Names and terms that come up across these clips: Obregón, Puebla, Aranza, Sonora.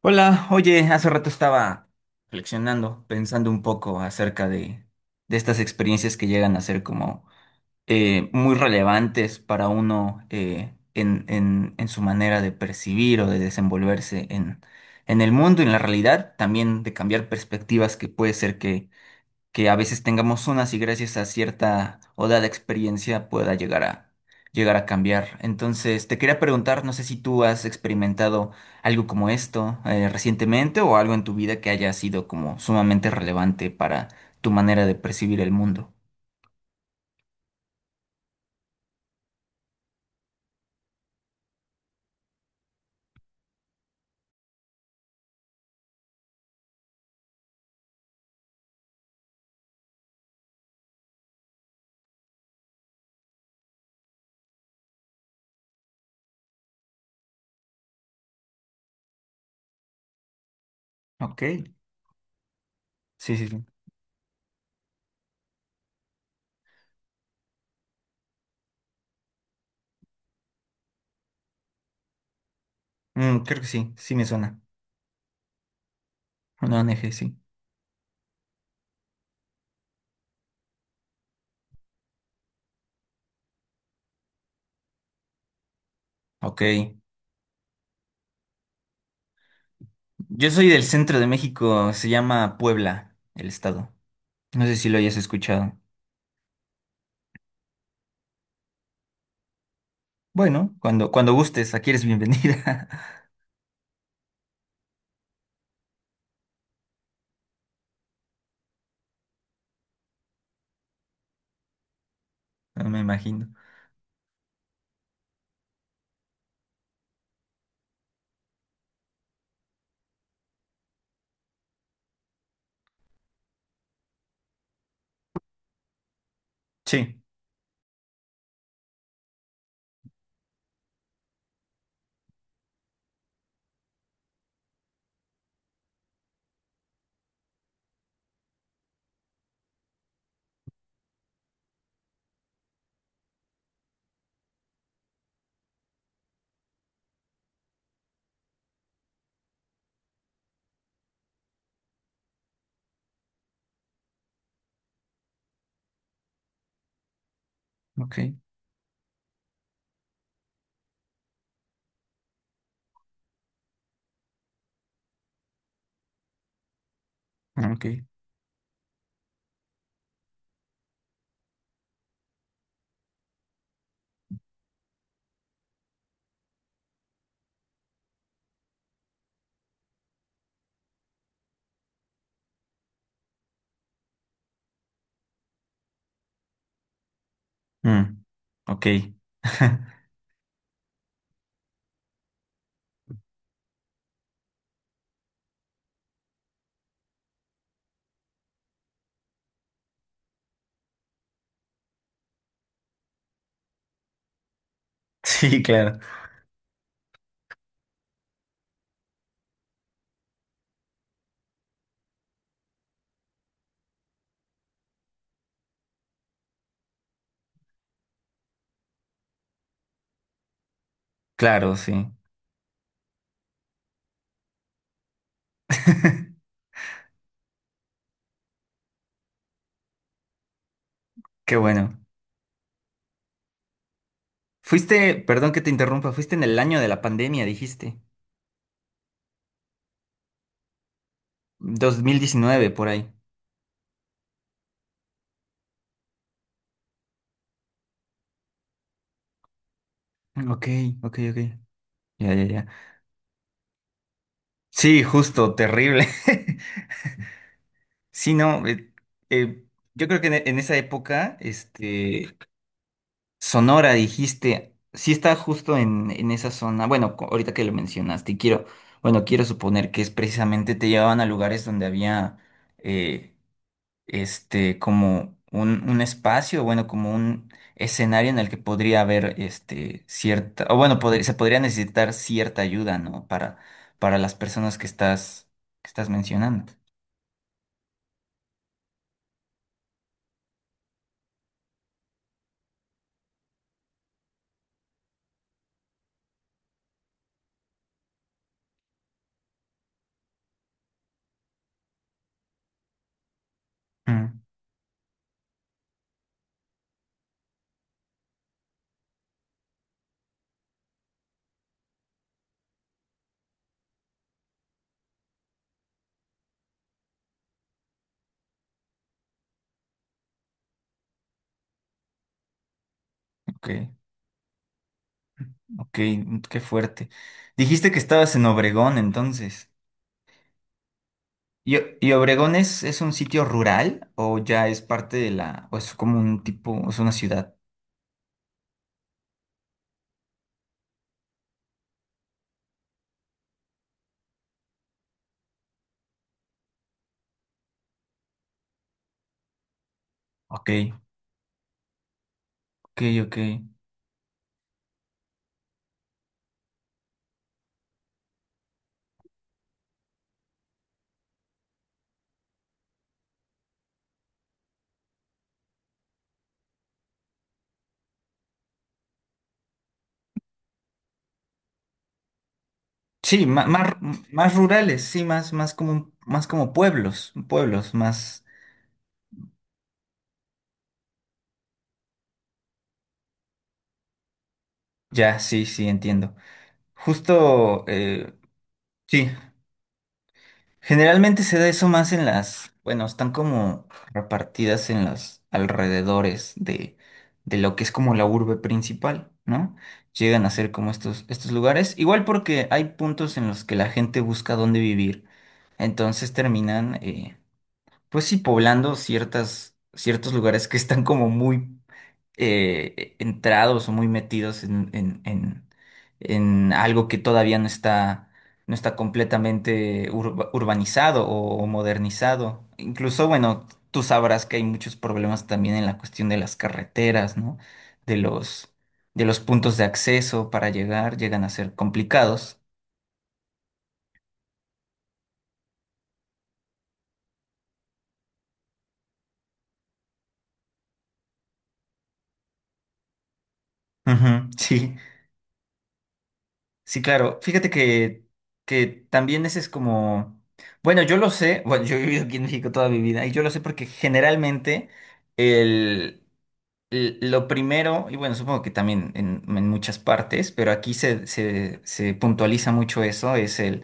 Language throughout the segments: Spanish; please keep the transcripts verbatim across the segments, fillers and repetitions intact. Hola, oye, hace rato estaba reflexionando, pensando un poco acerca de, de estas experiencias que llegan a ser como eh, muy relevantes para uno eh, en, en, en su manera de percibir o de desenvolverse en, en el mundo, en la realidad, también de cambiar perspectivas que puede ser que que a veces tengamos unas y gracias a cierta o dada experiencia pueda llegar a llegar a cambiar. Entonces, te quería preguntar, no sé si tú has experimentado algo como esto eh, recientemente o algo en tu vida que haya sido como sumamente relevante para tu manera de percibir el mundo. Ok, sí, sí, sí. Mm, creo que sí, sí me suena. Una O N G, sí. Ok. Yo soy del centro de México, se llama Puebla, el estado. No sé si lo hayas escuchado. Bueno, cuando, cuando gustes, aquí eres bienvenida. Ah, me imagino. Sí, ok, ok. Mm, ok. Sí, claro. Claro, sí. Qué bueno. Fuiste, perdón que te interrumpa, fuiste en el año de la pandemia, dijiste. Dos mil diecinueve por ahí. Mm, ok, ok, ok. Ya, ya, ya. Sí, justo, terrible. Sí, no, eh, eh, yo creo que en, en esa época, este, Sonora, dijiste, sí está justo en, en esa zona. Bueno, co- ahorita que lo mencionaste, y quiero, bueno, quiero suponer que es precisamente te llevaban a lugares donde había eh, este como un, un espacio, bueno, como un escenario en el que podría haber este cierta, o bueno, podri- se podría necesitar cierta ayuda, ¿no? Para, para las personas que estás, que estás mencionando. Mm, ok, ok, qué fuerte. Dijiste que estabas en Obregón, entonces. ¿Y, O- ¿y Obregón es, es un sitio rural o ya es parte de la, o es como un tipo, es una ciudad? Ok, ok, ok. Sí, ma- más, más, rurales, sí, más, más como, más como pueblos, pueblos, más, ya, sí, sí, entiendo. Justo, eh, sí, generalmente se da eso más en las, bueno, están como repartidas en los alrededores de, de lo que es como la urbe principal, ¿no? Llegan a ser como estos, estos lugares, igual porque hay puntos en los que la gente busca dónde vivir, entonces terminan, eh, pues sí, poblando ciertas, ciertos lugares que están como muy eh, entrados o muy metidos en, en, en, en algo que todavía no está, no está completamente urba- urbanizado o, o modernizado. Incluso, bueno, tú sabrás que hay muchos problemas también en la cuestión de las carreteras, ¿no? De los, de los puntos de acceso para llegar, llegan a ser complicados. Ujú, sí. Sí, claro. Fíjate que, que también ese es como... Bueno, yo lo sé, bueno, yo he vivido aquí en México toda mi vida y yo lo sé porque generalmente el, el- lo primero, y bueno, supongo que también en, en muchas partes, pero aquí se, se, se puntualiza mucho eso, es el,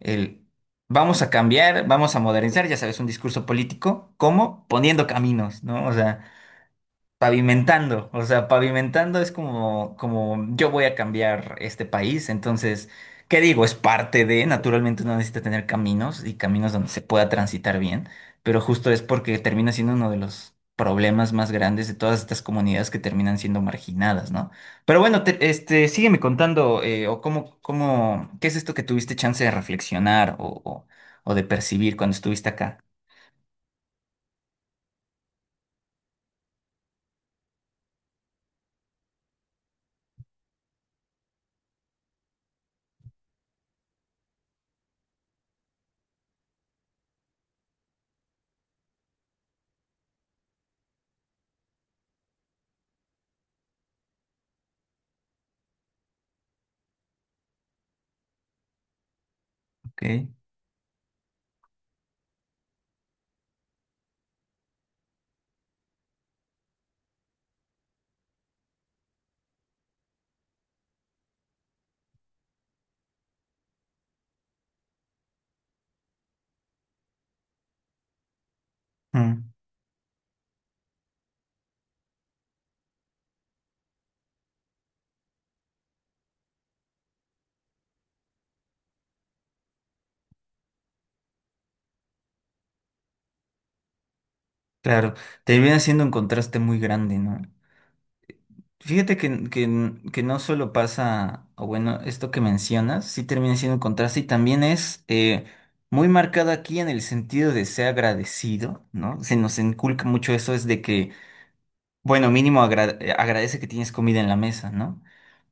el vamos a cambiar, vamos a modernizar, ya sabes, un discurso político, ¿cómo? Poniendo caminos, ¿no? O sea... Pavimentando, o sea, pavimentando es como, como yo voy a cambiar este país, entonces, ¿qué digo? Es parte de, naturalmente uno necesita tener caminos y caminos donde se pueda transitar bien, pero justo es porque termina siendo uno de los problemas más grandes de todas estas comunidades que terminan siendo marginadas, ¿no? Pero bueno, te- este, sígueme contando, eh, o cómo, cómo, ¿qué es esto que tuviste chance de reflexionar o, o, o de percibir cuando estuviste acá? ¿Ok? Mm, claro, te viene haciendo un contraste muy grande, ¿no? Fíjate que, que- que no solo pasa, o bueno, esto que mencionas, sí termina siendo un contraste y también es eh, muy marcado aquí en el sentido de ser agradecido, ¿no? Se nos inculca mucho eso, es de que, bueno, mínimo agra- eh, agradece que tienes comida en la mesa, ¿no?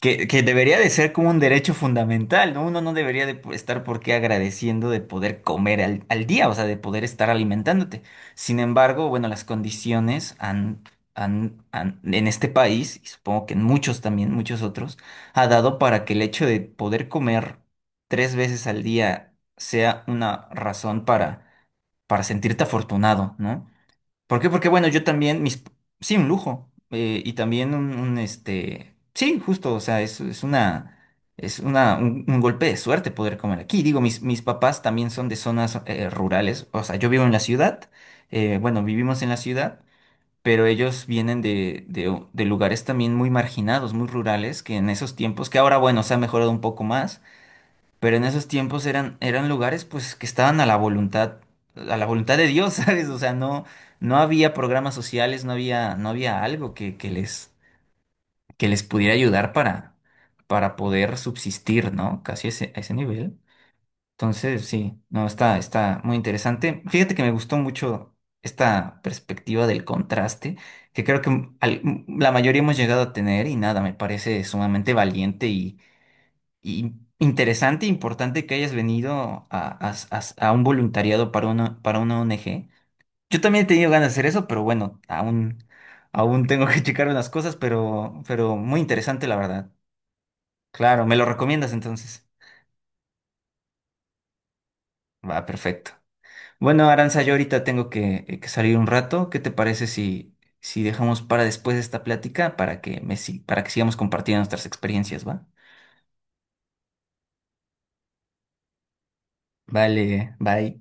Que, que debería de ser como un derecho fundamental, ¿no? Uno no debería de po- estar por qué agradeciendo de poder comer al, al día, o sea, de poder estar alimentándote. Sin embargo, bueno, las condiciones han, han, han- en este país, y supongo que en muchos también, muchos otros, ha dado para que el hecho de poder comer tres veces al día sea una razón para, para sentirte afortunado, ¿no? ¿Por qué? Porque bueno, yo también, mis, sí, un lujo. eh, y también un, un, este, sí, justo, o sea, es, es una, es una, un, un golpe de suerte poder comer aquí. Digo, mis, mis papás también son de zonas eh, rurales. O sea, yo vivo en la ciudad, eh, bueno, vivimos en la ciudad, pero ellos vienen de, de, de lugares también muy marginados, muy rurales, que en esos tiempos, que ahora, bueno, se ha mejorado un poco más, pero en esos tiempos eran, eran lugares pues que estaban a la voluntad, a la voluntad de Dios, ¿sabes? O sea, no, no había programas sociales, no había, no había algo que, que les, que les pudiera ayudar para, para poder subsistir, ¿no? Casi a ese, a ese nivel. Entonces, sí, no, está, está muy interesante. Fíjate que me gustó mucho esta perspectiva del contraste, que creo que al- la mayoría hemos llegado a tener y nada, me parece sumamente valiente y y interesante e importante que hayas venido a, a- a- a un voluntariado para una, para una O N G. Yo también he tenido ganas de hacer eso, pero bueno, aún, aún tengo que checar unas cosas, pero, pero muy interesante, la verdad. Claro, ¿me lo recomiendas entonces? Va, perfecto. Bueno, Aranza, yo ahorita tengo que, eh, que salir un rato. ¿Qué te parece si, si dejamos para después esta plática para que, me, si- para que sigamos compartiendo nuestras experiencias, va? Vale, bye.